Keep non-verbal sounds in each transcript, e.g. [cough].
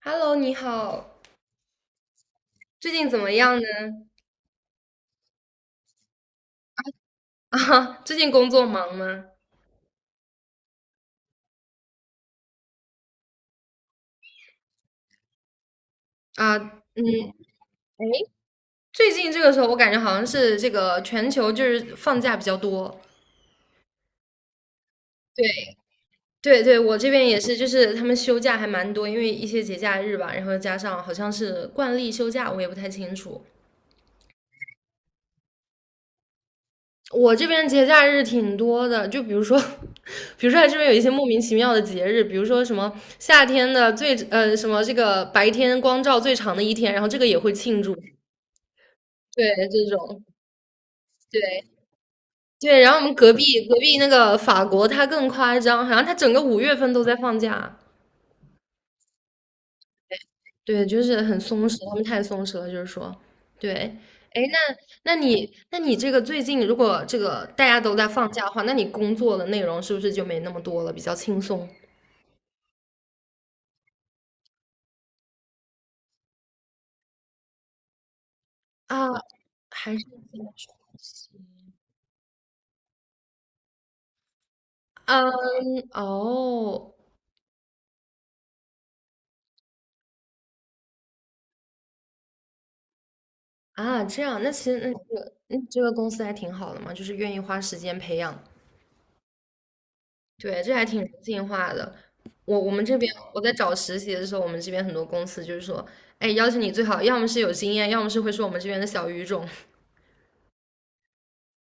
Hello，你好，最近怎么样呢？[laughs] 啊，最近工作忙吗？啊，嗯。哎，最近这个时候我感觉好像是这个全球就是放假比较多。对对对，我这边也是，就是他们休假还蛮多，因为一些节假日吧，然后加上好像是惯例休假，我也不太清楚。我这边节假日挺多的，就比如说，[laughs] 比如说它这边有一些莫名其妙的节日，比如说什么夏天的最呃什么这个白天光照最长的一天，然后这个也会庆祝。对，这种，对对。然后我们隔壁那个法国，他更夸张，好像他整个5月份都在放假。对，就是很松弛，他们太松弛了，就是说，对。哎，那你这个最近如果这个大家都在放假的话，那你工作的内容是不是就没那么多了，比较轻松啊？还是？嗯。哦。啊，这样，那其实那你这个公司还挺好的嘛，就是愿意花时间培养。对，这还挺人性化的。我们这边我在找实习的时候，我们这边很多公司就是说，哎，要求你最好要么是有经验，要么是会说我们这边的小语种。[laughs]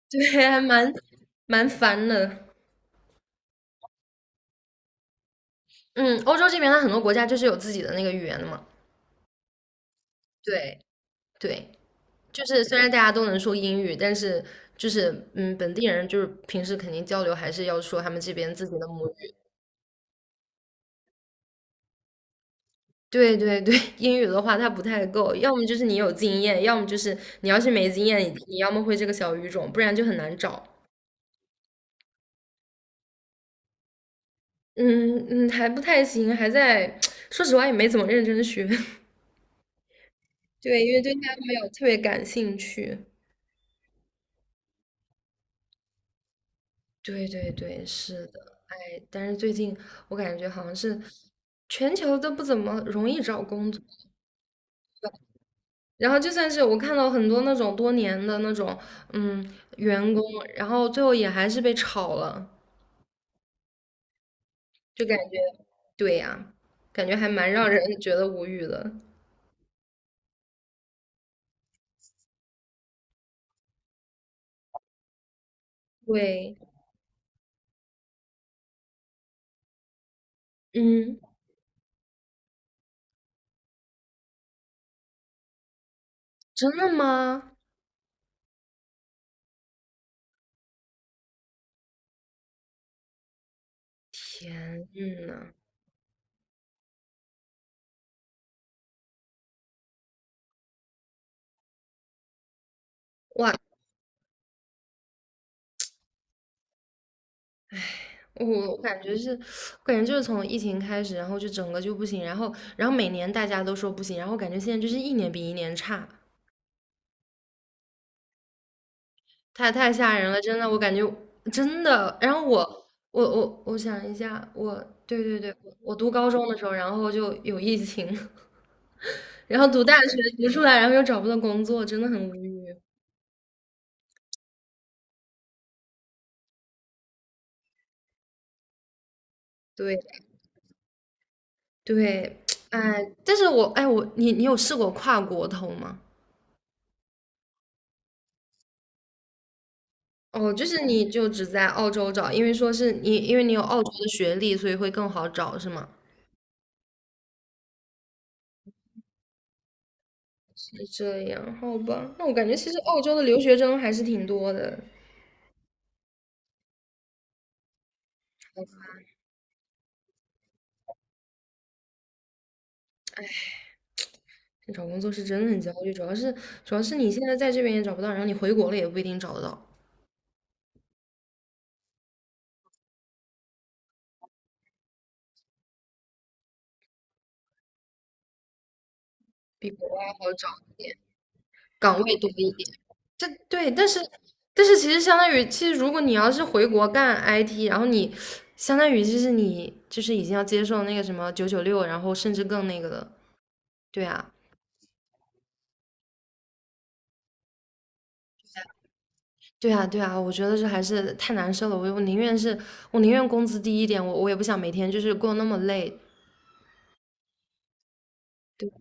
对，还蛮烦的。嗯，欧洲这边它很多国家就是有自己的那个语言的嘛。对对，就是虽然大家都能说英语，但是就是本地人就是平时肯定交流还是要说他们这边自己的母语。对对对，[laughs] 英语的话它不太够，要么就是你有经验，要么就是你要是没经验，你要么会这个小语种，不然就很难找。嗯嗯，还不太行，还在，[tsk] 说实话也没怎么认真学。[laughs] 对，因为对它没有特别感兴趣。对对对，是的。哎，但是最近我感觉好像是全球都不怎么容易找工作，然后就算是我看到很多那种多年的那种嗯员工，然后最后也还是被炒了。就感觉对呀，感觉还蛮让人觉得无语的。对，嗯，真的吗？天呐，哇！我我感觉是，我感觉就是从疫情开始，然后就整个就不行，然后每年大家都说不行，然后感觉现在就是一年比一年差，太吓人了，真的，我感觉真的。然后我想一下，我对对对，我读高中的时候，然后就有疫情，[laughs] 然后读大学读出来，然后又找不到工作，真的很无语。对对，[tsk] 哎，但是我哎我你你有试过跨国投吗？哦，就是你就只在澳洲找，因为说是你因为你有澳洲的学历，所以会更好找是吗？是这样，好吧，那我感觉其实澳洲的留学生还是挺多的。找工作是真的很焦虑，主要是你现在在这边也找不到，然后你回国了也不一定找得到，比国外好找，岗位多一点。这对，但是其实相当于，其实如果你要是回国干 IT，然后你相当于就是你就是已经要接受那个什么996，然后甚至更那个了。对啊，对啊，对啊，我觉得这还是太难受了。我宁愿工资低一点，我也不想每天就是过那么累。对，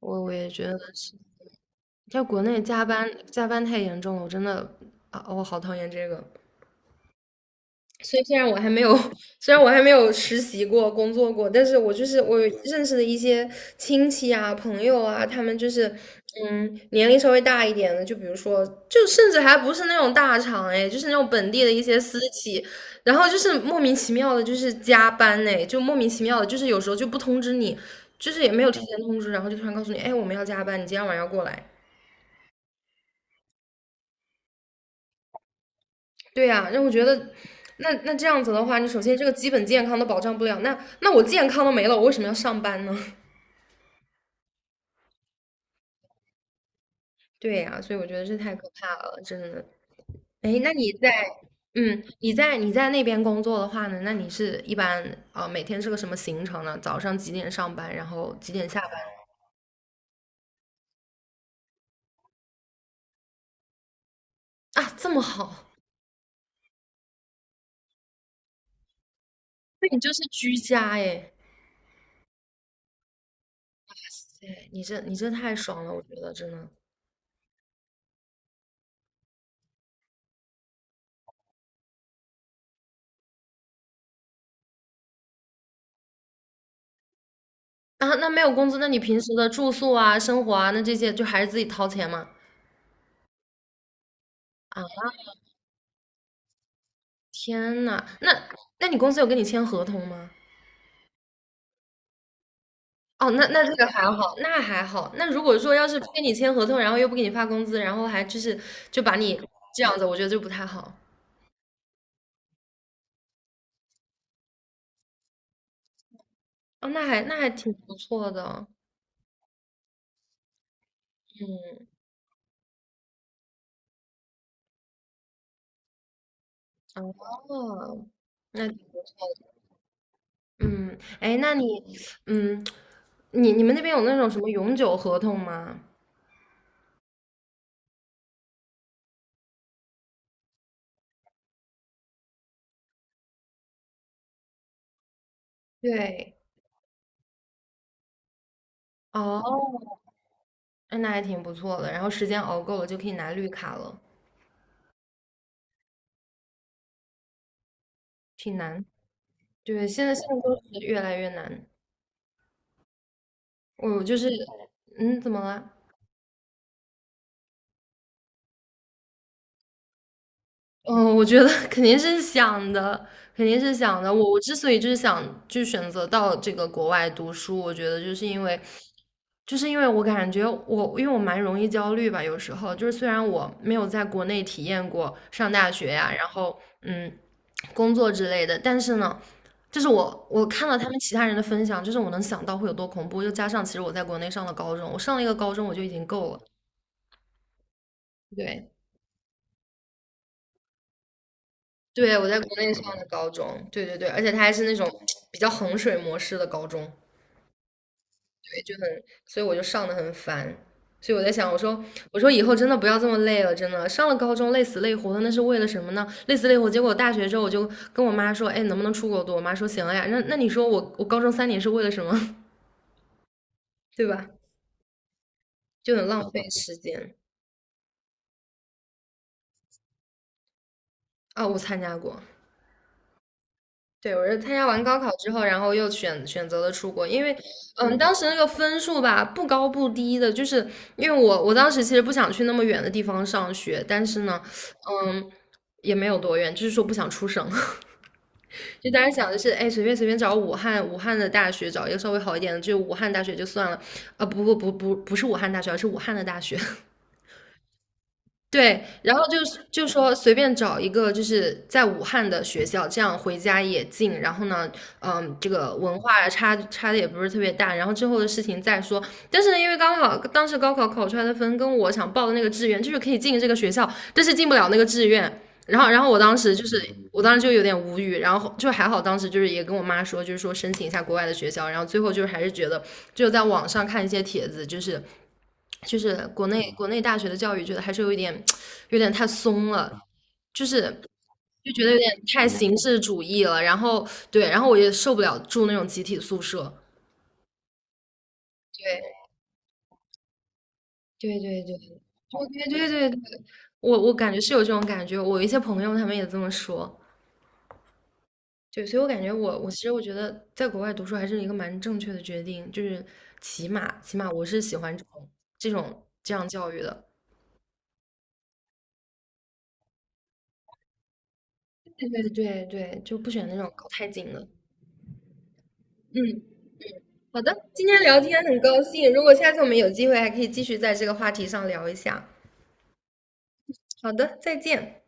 我也觉得是，在国内加班加班太严重了，我真的啊，我好讨厌这个。所以虽然我还没有，[laughs] 虽然我还没有实习过、工作过，但是我就是我有认识的一些亲戚啊、朋友啊，他们就是，嗯，年龄稍微大一点的，就比如说，就甚至还不是那种大厂哎，就是那种本地的一些私企，然后就是莫名其妙的，就是加班哎，就莫名其妙的，就是有时候就不通知你，就是也没有提前通知，然后就突然告诉你，哎，我们要加班，你今天晚上要过来，对呀，让我觉得，那这样子的话，你首先这个基本健康都保障不了，那我健康都没了，我为什么要上班呢？[laughs] 对呀，所以我觉得这太可怕了，真的。哎，那你在，嗯，你在那边工作的话呢，那你是一般啊，每天是个什么行程呢？早上几点上班，然后几点下班？啊，这么好，那你就是居家哎，对，你这太爽了，我觉得真的。啊，那没有工资，那你平时的住宿啊、生活啊，那这些就还是自己掏钱吗？啊。天呐，那你公司有跟你签合同吗？哦，那这个还好，那还好。那如果说要是不跟你签合同，然后又不给你发工资，然后还就是就把你这样子，我觉得就不太好。哦，那还挺不错的哦，嗯，哦，那挺不错的，嗯，哎，那你，嗯，你们那边有那种什么永久合同吗？对，哦，那还挺不错的。然后时间熬够了就可以拿绿卡了，挺难。对，现在都是越来越难。我就是，嗯，怎么了？嗯，我觉得 [laughs] 肯定是想的，肯定是想的。我之所以就是想就选择到这个国外读书，我觉得就是因为，就是因为我感觉我，因为我蛮容易焦虑吧，有时候就是虽然我没有在国内体验过上大学呀，然后嗯，工作之类的，但是呢，就是我看到他们其他人的分享，就是我能想到会有多恐怖，又加上其实我在国内上了高中，我上了一个高中我就已经够了，对。对，我在国内上的高中，对对对，而且他还是那种比较衡水模式的高中，就很，所以我就上的很烦，所以我在想，我说以后真的不要这么累了，真的上了高中累死累活的，那是为了什么呢？累死累活，结果大学之后我就跟我妈说，哎，能不能出国读？我妈说行了呀，那你说我高中3年是为了什么？[laughs] 对吧？就很浪费时间。啊，我参加过，对，我是参加完高考之后，然后又选择了出国，因为，嗯，当时那个分数吧，不高不低的，就是因为我当时其实不想去那么远的地方上学，但是呢，嗯，也没有多远，就是说不想出省，[laughs] 就当时想的是，哎，随便找武汉的大学，找一个稍微好一点的，就武汉大学就算了，啊、不不不不不是武汉大学，而是武汉的大学，[laughs] 对，然后就是就说随便找一个就是在武汉的学校，这样回家也近。然后呢，嗯，这个文化差的也不是特别大。然后之后的事情再说。但是呢，因为刚好当时高考考出来的分跟我想报的那个志愿就是可以进这个学校，但是进不了那个志愿。然后我当时就是，我当时就有点无语。然后就还好，当时就是也跟我妈说，就是说申请一下国外的学校。然后最后就是还是觉得，就在网上看一些帖子，就是。就是国内大学的教育，觉得还是有点太松了，就是就觉得有点太形式主义了。然后对，然后我也受不了住那种集体宿舍。对对对对，我对对对对，我感觉是有这种感觉，我一些朋友他们也这么说。对，所以我感觉我其实我觉得在国外读书还是一个蛮正确的决定，就是起码我是喜欢这种这样教育的。对对对对，就不选那种搞太紧的。嗯。好的，今天聊天很高兴，如果下次我们有机会，还可以继续在这个话题上聊一下。好的，再见。